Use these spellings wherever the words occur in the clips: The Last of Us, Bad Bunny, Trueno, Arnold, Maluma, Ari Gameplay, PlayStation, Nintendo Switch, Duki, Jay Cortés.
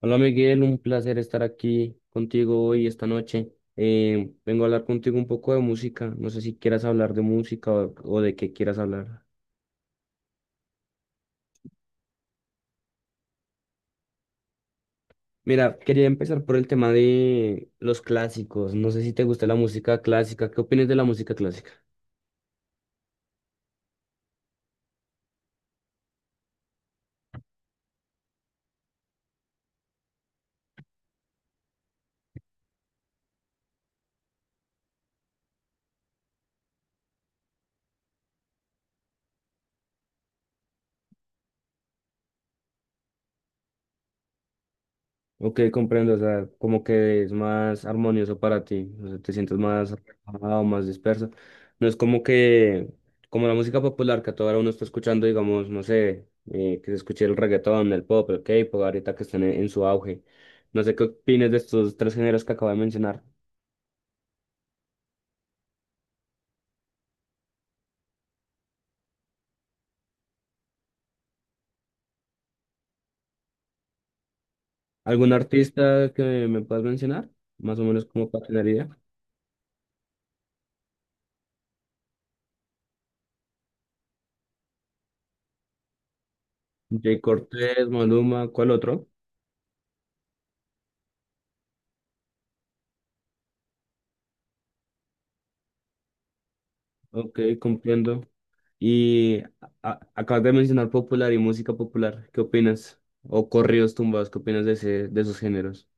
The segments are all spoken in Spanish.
Hola Miguel, un placer estar aquí contigo hoy, esta noche. Vengo a hablar contigo un poco de música. No sé si quieras hablar de música o de qué quieras hablar. Mira, quería empezar por el tema de los clásicos. No sé si te gusta la música clásica. ¿Qué opinas de la música clásica? Ok, comprendo, o sea, como que es más armonioso para ti, o sea, te sientes más relajado, más disperso. No es como que, Como la música popular que a toda hora uno está escuchando, digamos, no sé, que se escuche el reggaetón, el pop, el K-pop, ahorita que están en su auge. No sé qué opinas de estos tres géneros que acabo de mencionar. ¿Algún artista que me puedas mencionar? Más o menos como para tener idea. Jay Cortés, Maluma, ¿cuál otro? Ok, comprendo. Y acabas de mencionar popular y música popular. ¿Qué opinas? O corridos tumbados, ¿qué opinas de de esos géneros?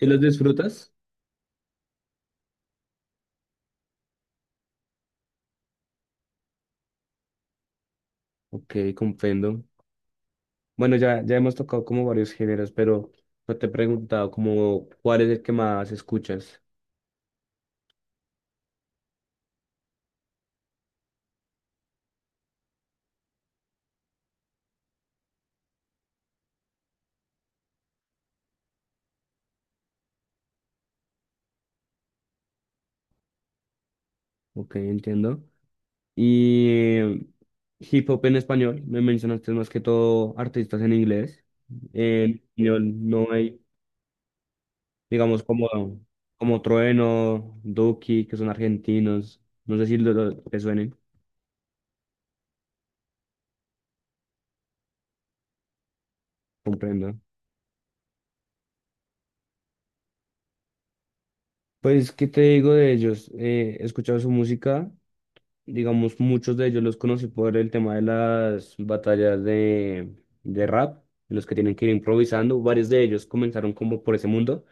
¿Y los disfrutas? Ok, comprendo. Bueno, ya hemos tocado como varios géneros, pero no te he preguntado como cuál es el que más escuchas. Ok, entiendo. Y hip hop en español, me mencionaste más que todo artistas en inglés. En español no hay. Digamos como, como Trueno, Duki, que son argentinos, no sé si te suenen. Comprendo. Pues, ¿qué te digo de ellos? He escuchado su música, digamos, muchos de ellos los conocí por el tema de las batallas de rap, en los que tienen que ir improvisando. Varios de ellos comenzaron como por ese mundo,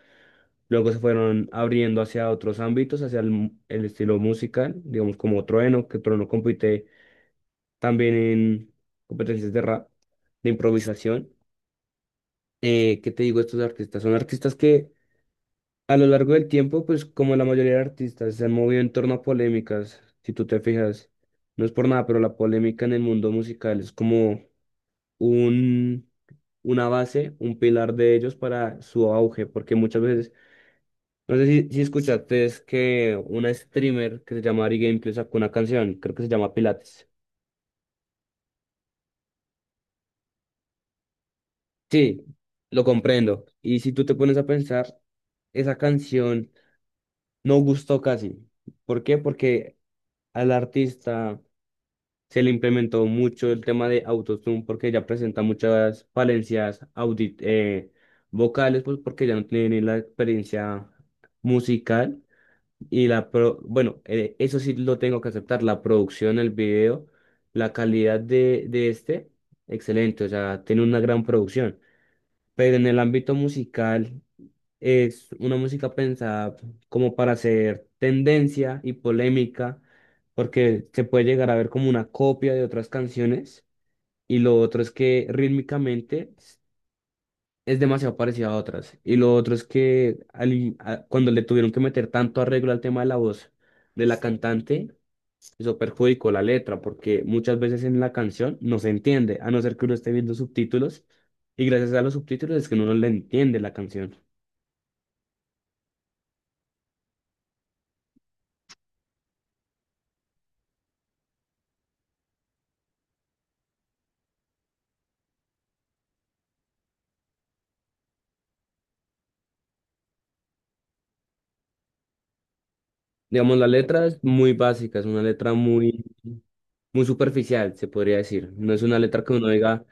luego se fueron abriendo hacia otros ámbitos, hacia el estilo musical, digamos como Trueno, que Trueno compite también en competencias de rap, de improvisación. ¿Qué te digo? Estos artistas son artistas que a lo largo del tiempo, pues como la mayoría de artistas, se han movido en torno a polémicas, si tú te fijas. No es por nada, pero la polémica en el mundo musical es como un, una base, un pilar de ellos para su auge, porque muchas veces, no sé si escuchaste, es que una streamer que se llama Ari Gameplay sacó una canción, creo que se llama Pilates. Sí, lo comprendo. Y si tú te pones a pensar, esa canción no gustó casi. ¿Por qué? Porque al artista se le implementó mucho el tema de autotune, porque ya presenta muchas falencias audit vocales, pues porque ya no tiene ni la experiencia musical eso sí lo tengo que aceptar, la producción, el video, la calidad de este, excelente, o sea, tiene una gran producción, pero en el ámbito musical es una música pensada como para hacer tendencia y polémica, porque se puede llegar a ver como una copia de otras canciones. Y lo otro es que es demasiado parecida a otras. Y lo otro es que cuando le tuvieron que meter tanto arreglo al tema de la voz de la Sí. cantante, eso perjudicó la letra, porque muchas veces en la canción no se entiende, a no ser que uno esté viendo subtítulos. Y gracias a los subtítulos es que uno no le entiende la canción. Digamos, la letra es muy básica, es una letra muy, muy superficial, se podría decir. No es una letra que uno diga,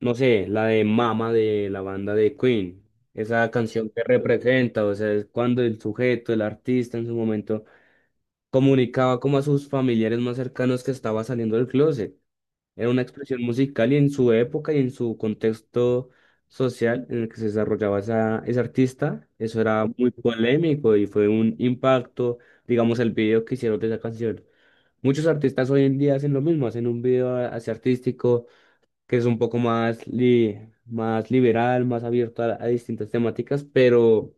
no sé, la de Mama de la banda de Queen, esa canción que representa, o sea, es cuando el sujeto, el artista en su momento, comunicaba como a sus familiares más cercanos que estaba saliendo del closet. Era una expresión musical, y en su época y en su contexto social en el que se desarrollaba ese artista, eso era muy polémico y fue un impacto, digamos, el video que hicieron de esa canción. Muchos artistas hoy en día hacen lo mismo, hacen un video así artístico que es un poco más, más liberal, más abierto a distintas temáticas, pero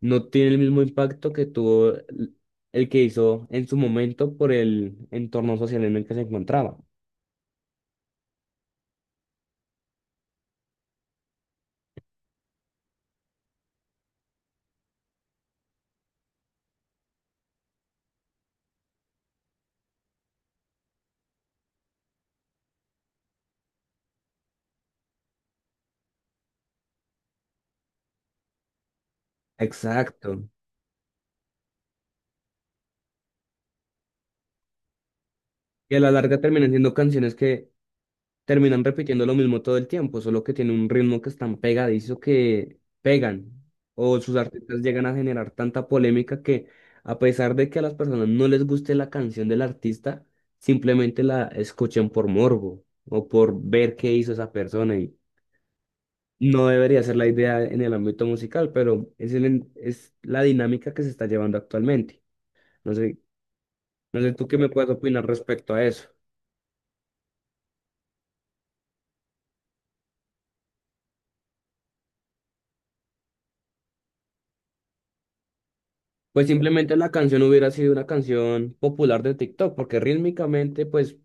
no tiene el mismo impacto que tuvo el que hizo en su momento por el entorno social en el que se encontraba. Exacto. Y a la larga terminan siendo canciones que terminan repitiendo lo mismo todo el tiempo, solo que tiene un ritmo que es tan pegadizo que pegan. O sus artistas llegan a generar tanta polémica que, a pesar de que a las personas no les guste la canción del artista, simplemente la escuchen por morbo o por ver qué hizo esa persona. Y no debería ser la idea en el ámbito musical, pero es, es la dinámica que se está llevando actualmente. No sé, no sé tú qué me puedes opinar respecto a eso. Pues simplemente la canción hubiera sido una canción popular de TikTok, porque rítmicamente, pues,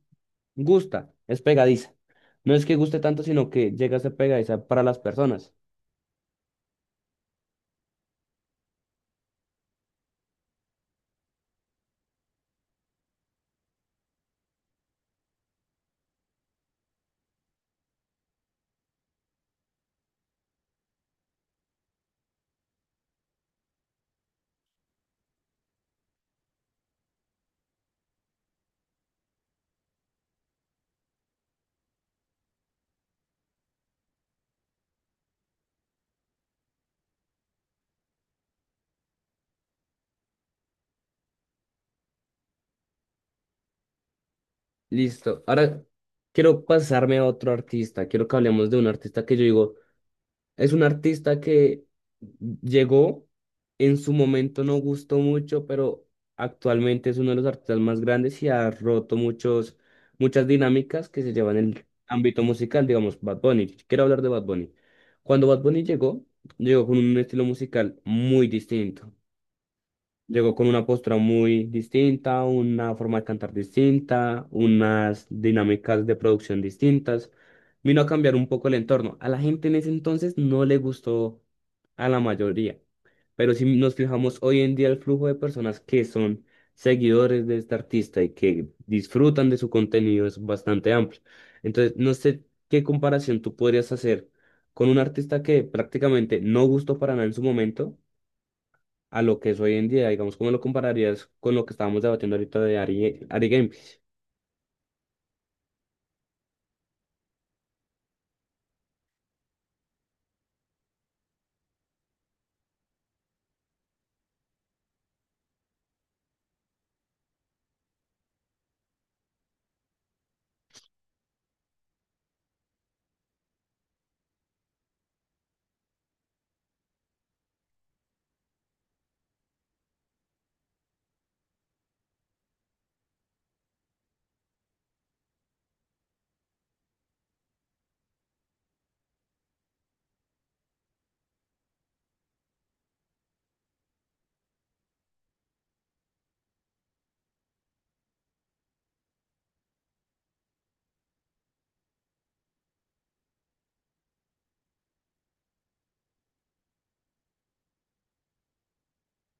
gusta, es pegadiza. No es que guste tanto, sino que llega a ser pegadiza para las personas. Listo. Ahora quiero pasarme a otro artista. Quiero que hablemos de un artista que yo digo, es un artista que llegó, en su momento no gustó mucho, pero actualmente es uno de los artistas más grandes y ha roto muchas dinámicas que se llevan en el ámbito musical, digamos, Bad Bunny. Quiero hablar de Bad Bunny. Cuando Bad Bunny llegó, llegó con un estilo musical muy distinto. Llegó con una postura muy distinta, una forma de cantar distinta, unas dinámicas de producción distintas. Vino a cambiar un poco el entorno. A la gente en ese entonces no le gustó a la mayoría. Pero si nos fijamos hoy en día, el flujo de personas que son seguidores de este artista y que disfrutan de su contenido es bastante amplio. Entonces, no sé qué comparación tú podrías hacer con un artista que prácticamente no gustó para nada en su momento a lo que es hoy en día, digamos, ¿cómo lo compararías con lo que estábamos debatiendo ahorita de Ari Game?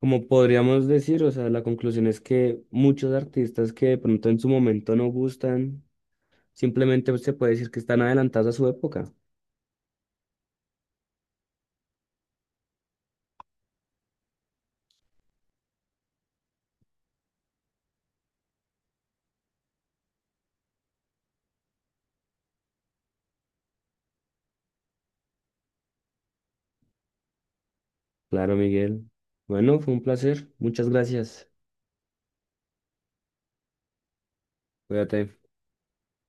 Como podríamos decir, o sea, la conclusión es que muchos artistas que de pronto en su momento no gustan, simplemente se puede decir que están adelantados a su época. Claro, Miguel. Bueno, fue un placer. Muchas gracias. Cuídate.